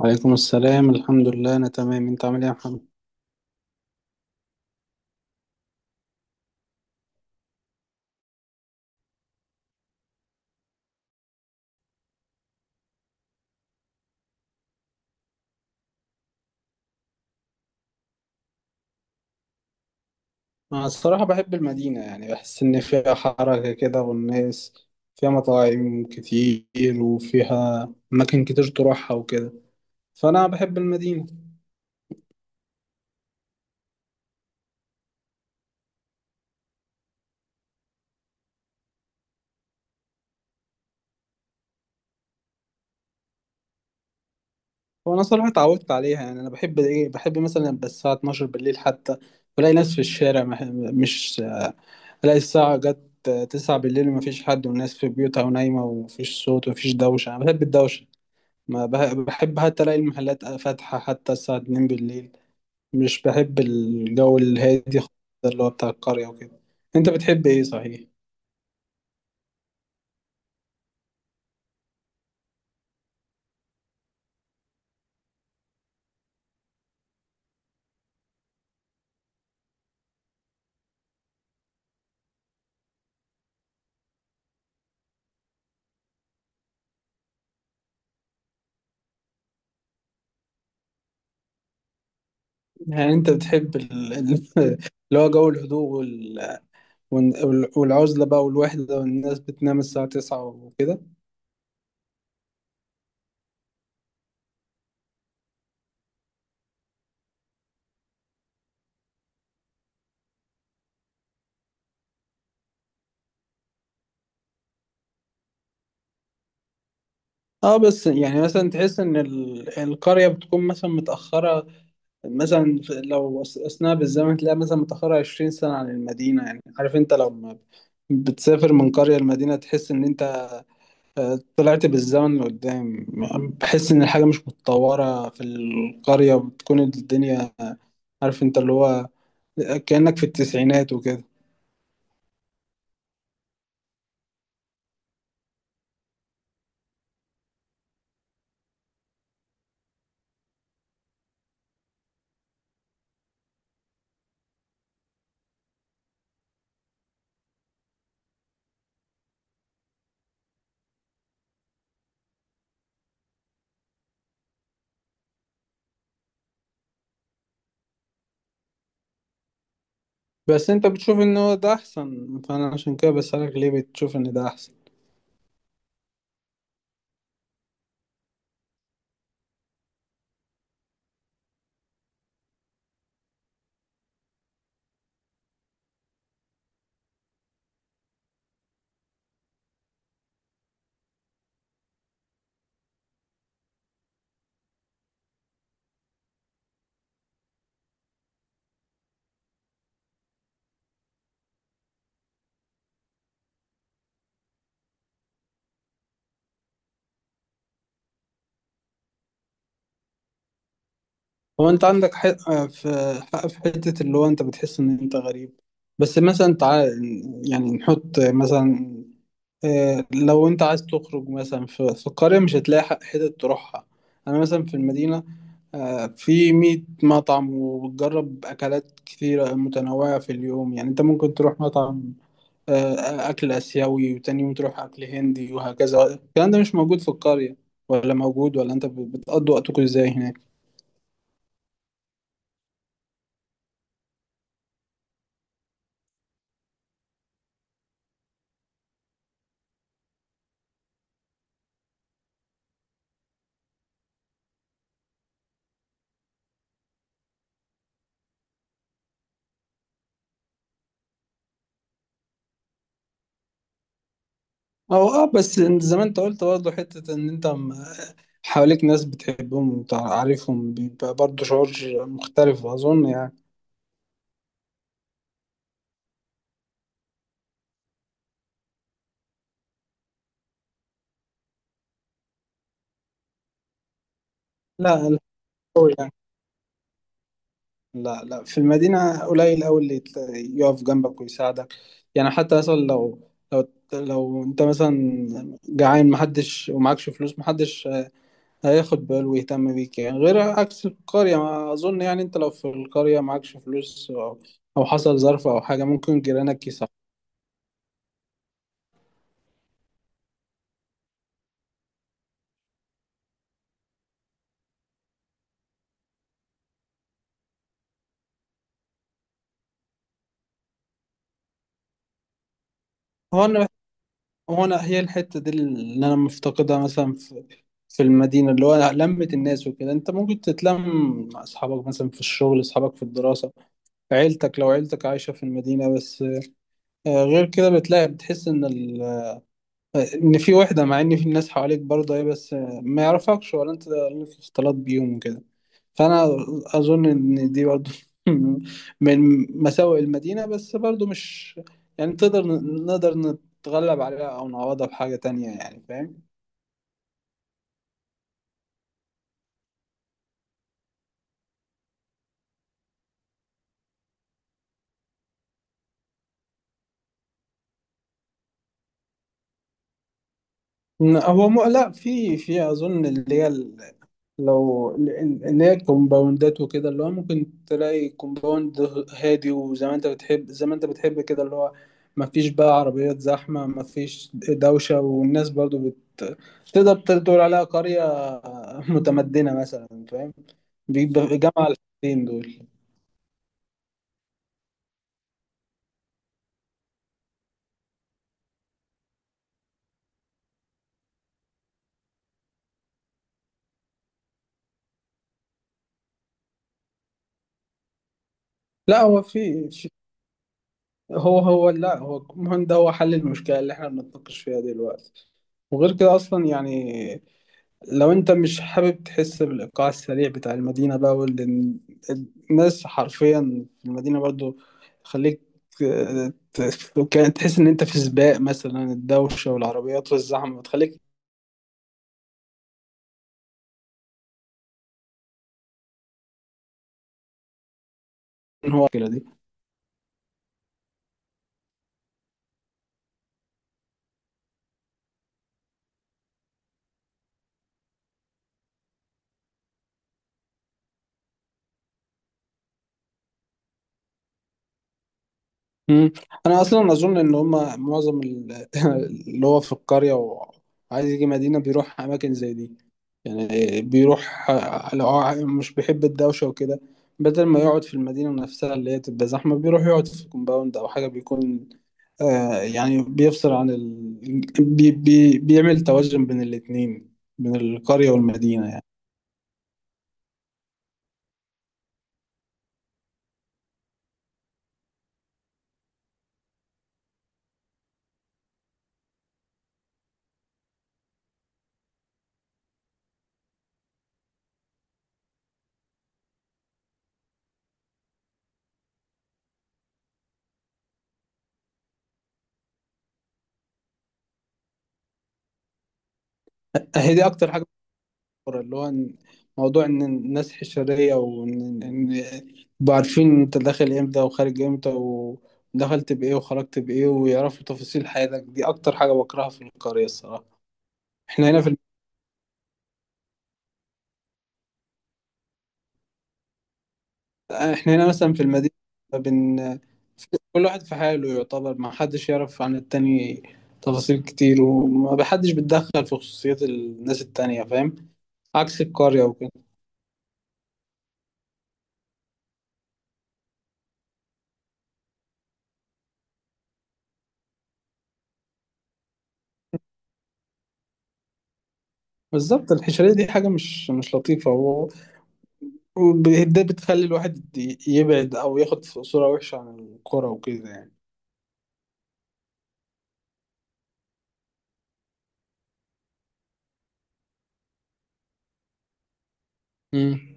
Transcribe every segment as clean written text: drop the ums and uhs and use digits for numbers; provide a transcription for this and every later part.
عليكم السلام، الحمد لله أنا تمام. أنت عامل إيه يا محمد؟ أنا الصراحة بحب المدينة، يعني بحس إن فيها حركة كده والناس فيها، مطاعم كتير وفيها أماكن كتير تروحها وكده، فأنا بحب المدينة. وأنا صراحة اتعودت عليها، يعني أنا بحب إيه، بحب مثلا يبقى الساعة 12 بالليل حتى بلاقي ناس في الشارع. مش ألاقي الساعة جت 9 بالليل ومفيش حد والناس في بيوتها ونايمة ومفيش صوت ومفيش دوشة. أنا بحب الدوشة. ما بح- بحب حتى ألاقي المحلات فاتحة حتى الساعة 2 بالليل. مش بحب الجو الهادي خالص، ده اللي هو بتاع القرية وكده. انت بتحب ايه صحيح؟ يعني انت بتحب اللي هو جو الهدوء والعزلة بقى، والوحدة، والناس بتنام الساعة تسعة وكده. اه، بس يعني مثلا تحس ان القرية بتكون مثلا متأخرة، مثلا لو أثناء بالزمن تلاقي مثلا متأخرة 20 سنة عن المدينة. يعني عارف انت لما بتسافر من قرية لمدينة تحس ان انت طلعت بالزمن لقدام. بحس ان الحاجه مش متطوره في القريه، بتكون الدنيا عارف انت اللي هو كانك في التسعينات وكده. بس انت بتشوف ان هو ده احسن، فانا عشان كده بسألك ليه بتشوف ان ده احسن. هو انت عندك حق في، حته اللي هو انت بتحس ان انت غريب. بس مثلا تعال، يعني نحط مثلا، لو انت عايز تخرج مثلا في القرية مش هتلاقي حتت تروحها. انا مثلا في المدينة في 100 مطعم وبتجرب اكلات كتيرة متنوعة في اليوم. يعني انت ممكن تروح مطعم اكل اسيوي، وتاني يوم تروح اكل هندي وهكذا. الكلام ده مش موجود في القرية، ولا موجود، ولا انت بتقضي وقتكم ازاي هناك؟ او اه، بس زي ما انت قلت برضه حتة ان انت حواليك ناس بتحبهم وتعرفهم، بيبقى برضه شعور مختلف اظن يعني. لا، أوي لا، لا لا، في المدينة قليل أوي اللي يقف جنبك ويساعدك. يعني حتى مثلا لو، أنت مثلا جعان، محدش ومعكش فلوس، محدش هياخد باله ويهتم بيك يعني، غير عكس القرية ما أظن. يعني أنت لو في القرية معكش فلوس أو، حصل ظرف أو حاجة، ممكن جيرانك يساعدوك. هو أنا، هي الحتة دي اللي أنا مفتقدها مثلا في، المدينة، اللي هو لمة الناس وكده. أنت ممكن تتلم مع أصحابك مثلا في الشغل، أصحابك في الدراسة، عيلتك لو عيلتك عايشة في المدينة. بس غير كده بتلاقي بتحس إن ال... آه، إن في وحدة، مع إن في ناس حواليك برضه إيه، بس ما يعرفكش ولا أنت اللي في اختلاط بيهم وكده. فأنا أظن إن دي برضه من مساوئ المدينة، بس برضه مش، يعني نقدر نتغلب عليها أو نعوضها بحاجة تانية، يعني فاهم؟ هو لا، في أظن اللي هي، الكومباوندات وكده، اللي هو ممكن تلاقي كومباوند هادي، وزي ما انت بتحب زي ما انت بتحب كده، اللي هو ما فيش بقى عربيات زحمة، ما فيش دوشة، والناس برضو تقدر تقول عليها قرية متمدنة مثلا، فاهم؟ بيبقى جمع الحاجتين دول. لا هو هو، هو لا هو المهم، ده هو حل المشكلة اللي احنا بنتناقش فيها دلوقتي. وغير كده اصلا يعني، لو انت مش حابب تحس بالايقاع السريع بتاع المدينه بقى الناس حرفيا في المدينه، برضو خليك، وكان تحس ان انت في سباق مثلا. الدوشه والعربيات والزحمه بتخليك ان هو كده دي. مم. انا اصلا اظن ان هما معظم اللي هو في القريه وعايز يجي مدينه بيروح اماكن زي دي. يعني بيروح، لو هو مش بيحب الدوشه وكده، بدل ما يقعد في المدينة نفسها اللي هي تبقى زحمة، بيروح يقعد في كومباوند أو حاجة، بيكون يعني بيفصل عن بي بي بيعمل توازن بين الاتنين، بين القرية والمدينة يعني. هي دي أكتر حاجة بتضر، اللي هو موضوع إن الناس حشرية، وإن يبقوا عارفين أنت داخل إمتى وخارج إمتى، ودخلت بإيه وخرجت بإيه، ويعرفوا تفاصيل حياتك. دي أكتر حاجة بكرهها في القرية الصراحة. إحنا هنا في احنا هنا مثلا في المدينة بن... كل واحد في حاله، يعتبر ما حدش يعرف عن التاني تفاصيل كتير، وما حدش بيتدخل في خصوصيات الناس التانية، فاهم؟ عكس القرية وكده. بالظبط، الحشرية دي حاجة مش لطيفة، وده بتخلي الواحد يبعد أو ياخد صورة وحشة عن القرى وكده يعني. مم.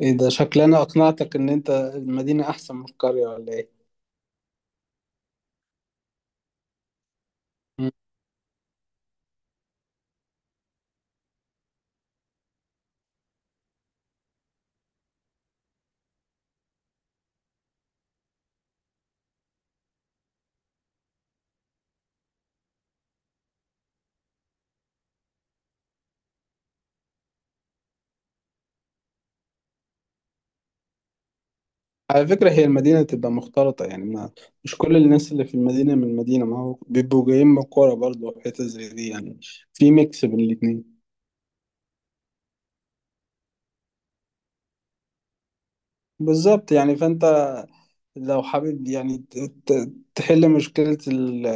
إيه ده، شكلنا أقنعتك إن أنت المدينة أحسن من القرية ولا إيه؟ على فكرة هي المدينة تبقى مختلطة يعني، ما مش كل الناس اللي في المدينة من المدينة، ما هو بيبقوا جايين من القرى برضه وحتت زي دي يعني، في ميكس بين الاتنين. بالظبط يعني، فأنت لو حابب يعني تحل مشكلة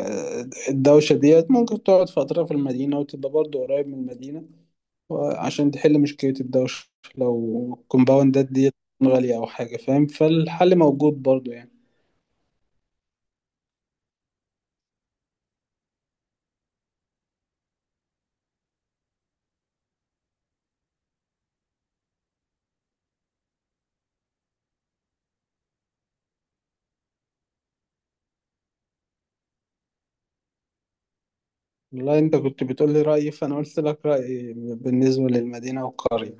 الدوشة ديت، ممكن تقعد فترة في المدينة وتبقى برضه قريب من المدينة عشان تحل مشكلة الدوشة، لو الكومباوندات ديت غالية أو حاجة، فاهم؟ فالحل موجود برضه يعني. والله انت كنت بتقول لي رأيي، فانا قلت لك رأيي بالنسبة للمدينة والقرية.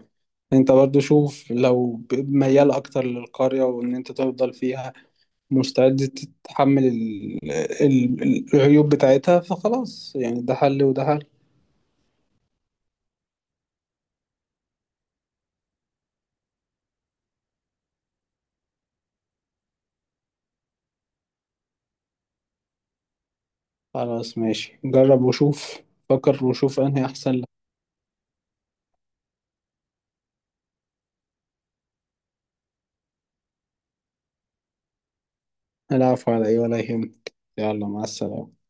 انت برضو شوف، لو ميال اكتر للقرية وان انت تفضل فيها مستعد تتحمل العيوب بتاعتها، فخلاص يعني، ده حل وده حل. خلاص ماشي، جرب وشوف، فكر وشوف انهي احسن لك. العفو، على ايه، ولا يهمك. يلا مع السلامة.